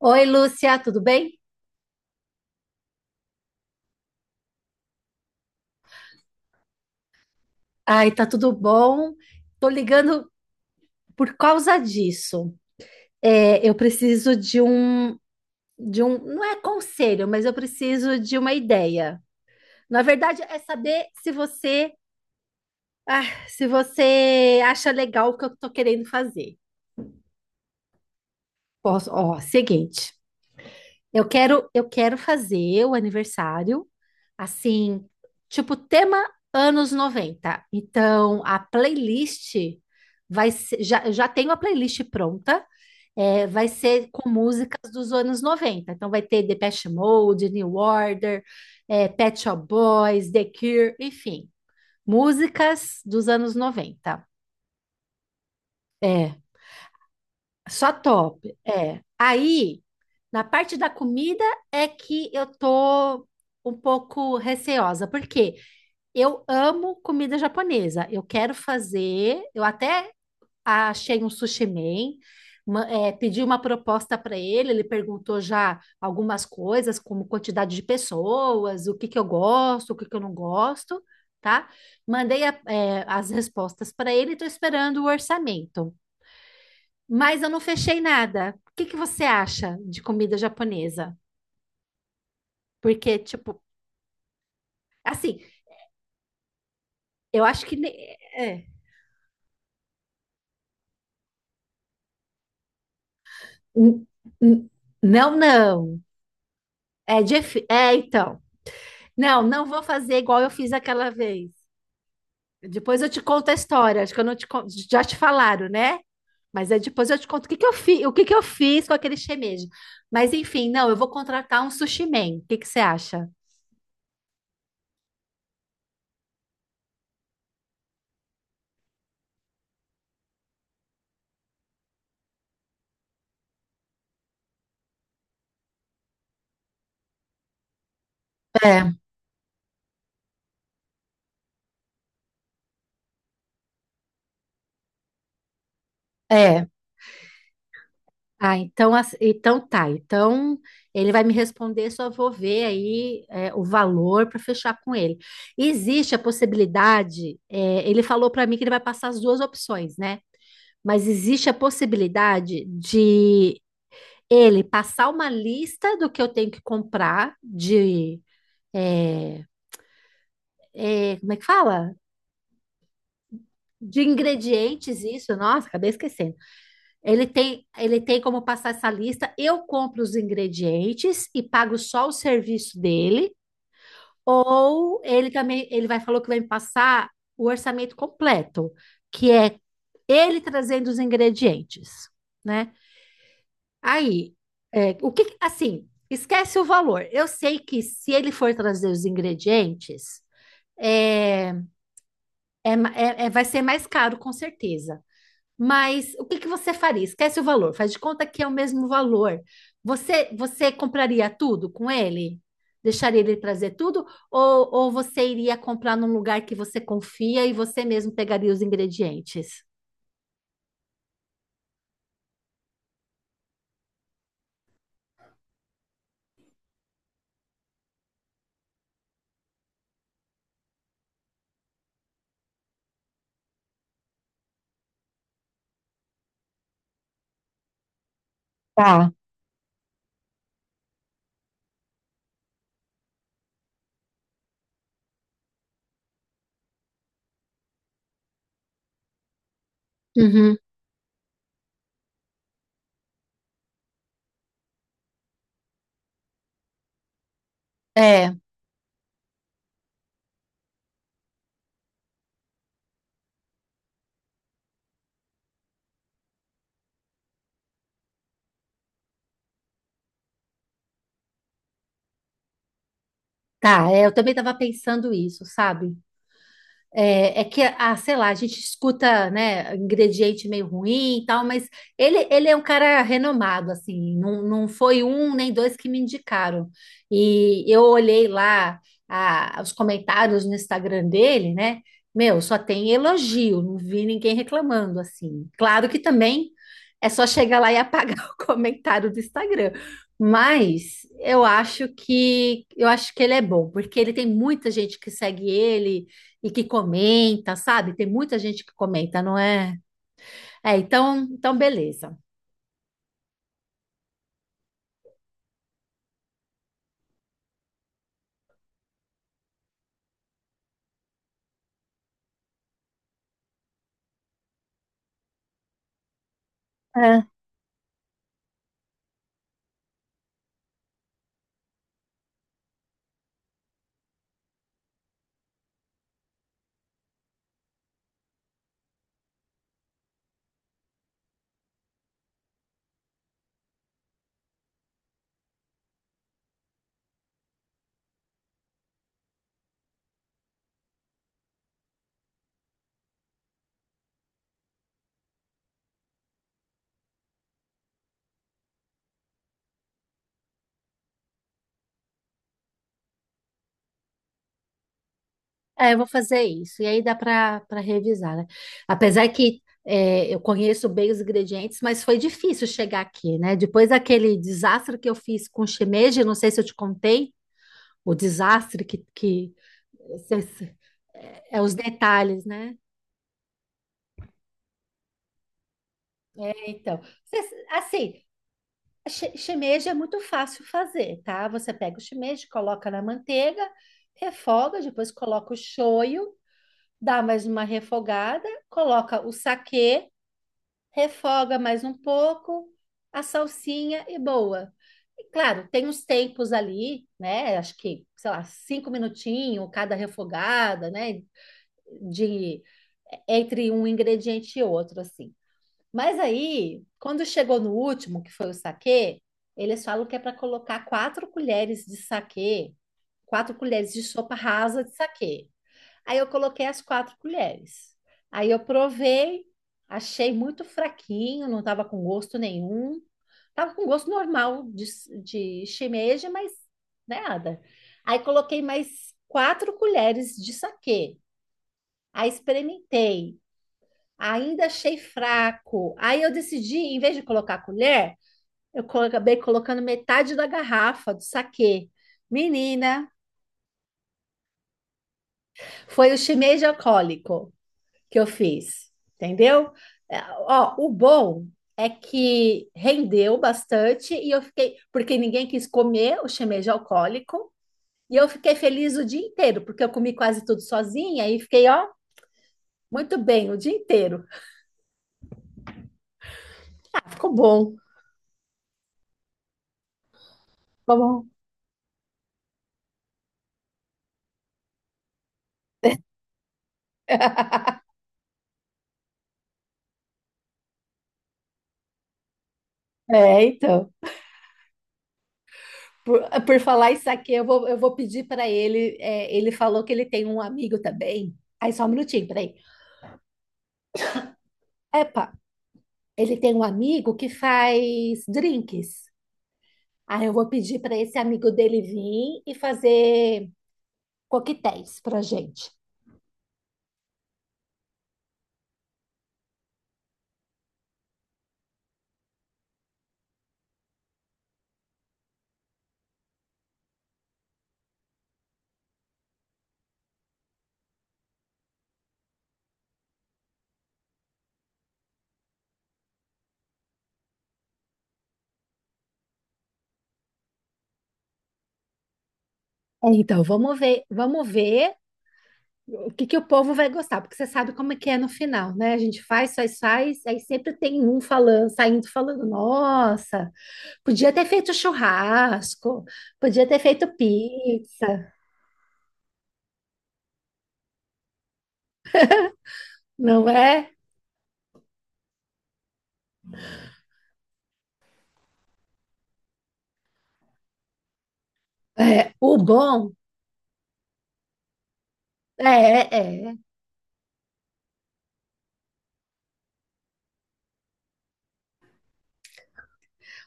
Oi, Lúcia, tudo bem? Ai, tá tudo bom. Tô ligando por causa disso. É, eu preciso de um, não é conselho, mas eu preciso de uma ideia. Na verdade, é saber se você, ah, se você acha legal o que eu tô querendo fazer. Posso, ó, seguinte. Eu quero fazer o aniversário assim, tipo tema anos 90. Então, a playlist eu já tenho a playlist pronta, vai ser com músicas dos anos 90. Então, vai ter Depeche Mode, New Order, Pet Shop Boys, The Cure, enfim, músicas dos anos 90. É, só top. É. Aí. Na parte da comida é que eu tô um pouco receosa, porque eu amo comida japonesa. Eu quero fazer, eu até achei um sushi man, pedi uma proposta para ele, ele perguntou já algumas coisas, como quantidade de pessoas, o que que eu gosto, o que que eu não gosto, tá? Mandei as respostas para ele, e estou esperando o orçamento. Mas eu não fechei nada. O que que você acha de comida japonesa? Porque, tipo, assim, eu acho que. É. N- n- Não, não. É, então. Não, não vou fazer igual eu fiz aquela vez. Depois eu te conto a história. Acho que eu não te con- já te falaram, né? Mas depois eu te conto o que que eu fiz com aquele shimeji. Mas enfim, não, eu vou contratar um sushi man. O que que você acha? É, é. Ah, então, então tá. Então ele vai me responder, só vou ver aí o valor para fechar com ele. Existe a possibilidade, ele falou para mim que ele vai passar as duas opções, né? Mas existe a possibilidade de ele passar uma lista do que eu tenho que comprar de, é, como é que fala? De ingredientes, isso, nossa, acabei esquecendo. Ele tem como passar essa lista. Eu compro os ingredientes e pago só o serviço dele, ou ele também, ele vai falou que vai me passar o orçamento completo, que é ele trazendo os ingredientes, né? Aí, o que, assim, esquece o valor. Eu sei que se ele for trazer os ingredientes, é, vai ser mais caro, com certeza. Mas o que que você faria? Esquece o valor, faz de conta que é o mesmo valor. Você compraria tudo com ele? Deixaria ele trazer tudo? Ou você iria comprar num lugar que você confia e você mesmo pegaria os ingredientes? Tá. Uhum. É. Tá, eu também estava pensando isso, sabe? É que, sei lá, a gente escuta, né, ingrediente meio ruim e tal, mas ele é um cara renomado, assim, não, não foi um nem dois que me indicaram. E eu olhei lá os comentários no Instagram dele, né, meu, só tem elogio, não vi ninguém reclamando, assim. Claro que também é só chegar lá e apagar o comentário do Instagram, mas eu acho que ele é bom, porque ele tem muita gente que segue ele, e que comenta, sabe? Tem muita gente que comenta, não é? É, então beleza. É, é, eu vou fazer isso. E aí dá para revisar, né? Apesar que eu conheço bem os ingredientes, mas foi difícil chegar aqui, né? Depois daquele desastre que eu fiz com shimeji, não sei se eu te contei, o desastre que se- se- é, é os detalhes, né? Então, assim, Shimeji é muito fácil fazer, tá? Você pega o shimeji, coloca na manteiga, refoga, depois coloca o shoyu, dá mais uma refogada, coloca o saquê, refoga mais um pouco, a salsinha e boa. E claro, tem os tempos ali, né? Acho que, sei lá, 5 minutinhos cada refogada, né? De entre um ingrediente e outro, assim. Mas aí, quando chegou no último, que foi o saquê, eles falam que é para colocar 4 colheres de saquê, 4 colheres de sopa rasa de saquê. Aí eu coloquei as 4 colheres. Aí eu provei, achei muito fraquinho, não estava com gosto nenhum. Estava com gosto normal de, shimeji, mas nada. Aí coloquei mais 4 colheres de saquê. Aí experimentei ainda achei fraco. Aí eu decidi, em vez de colocar a colher, acabei colocando metade da garrafa do saquê. Menina, foi o shimeji alcoólico que eu fiz, entendeu? É, Ó, o bom é que rendeu bastante e eu fiquei, porque ninguém quis comer o shimeji alcoólico, e eu fiquei feliz o dia inteiro, porque eu comi quase tudo sozinha e fiquei, ó, muito bem o dia inteiro. Ah, ficou bom, ficou bom. É, então. Por, por falar isso aqui eu vou pedir para ele. Ele falou que ele tem um amigo também. Aí, só um minutinho, peraí. Epa, ele tem um amigo que faz drinks. Aí, eu vou pedir para esse amigo dele vir e fazer coquetéis para gente. Então, vamos ver o que que o povo vai gostar, porque você sabe como é que é no final, né? A gente faz, faz, faz, aí sempre tem um falando, saindo falando, nossa, podia ter feito churrasco, podia ter feito pizza, não é? É, o bom é.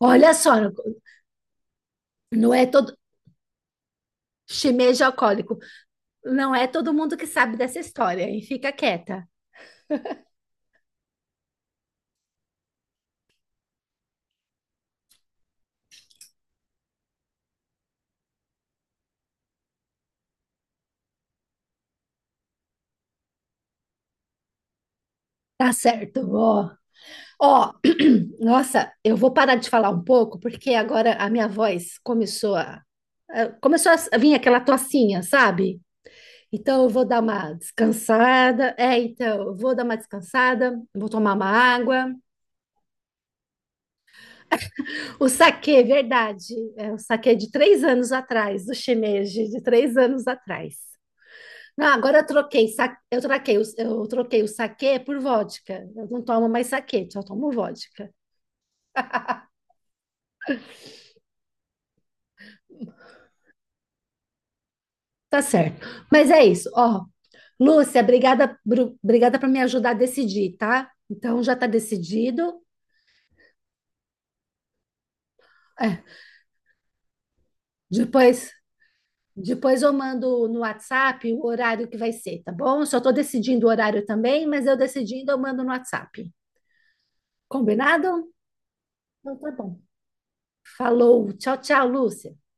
Olha só, não é todo shimeji alcoólico, não é todo mundo que sabe dessa história, e fica quieta. Tá certo, ó. Ó, nossa, eu vou parar de falar um pouco, porque agora a minha voz começou a vir aquela tocinha, sabe? Então eu vou dar uma descansada. Então, eu vou dar uma descansada, vou tomar uma água. O saquê, verdade. É o saquê de 3 anos atrás, do shimeji, de 3 anos atrás. Não, agora eu troquei o saquê por vodka. Eu não tomo mais saquê, só tomo vodka. Tá certo. Mas é isso, ó. Lúcia, obrigada, obrigada por me ajudar a decidir, tá? Então já está decidido. É, depois, depois eu mando no WhatsApp o horário que vai ser, tá bom? Só estou decidindo o horário também, mas eu decidindo eu mando no WhatsApp. Combinado? Então tá bom. Falou. Tchau, tchau, Lúcia.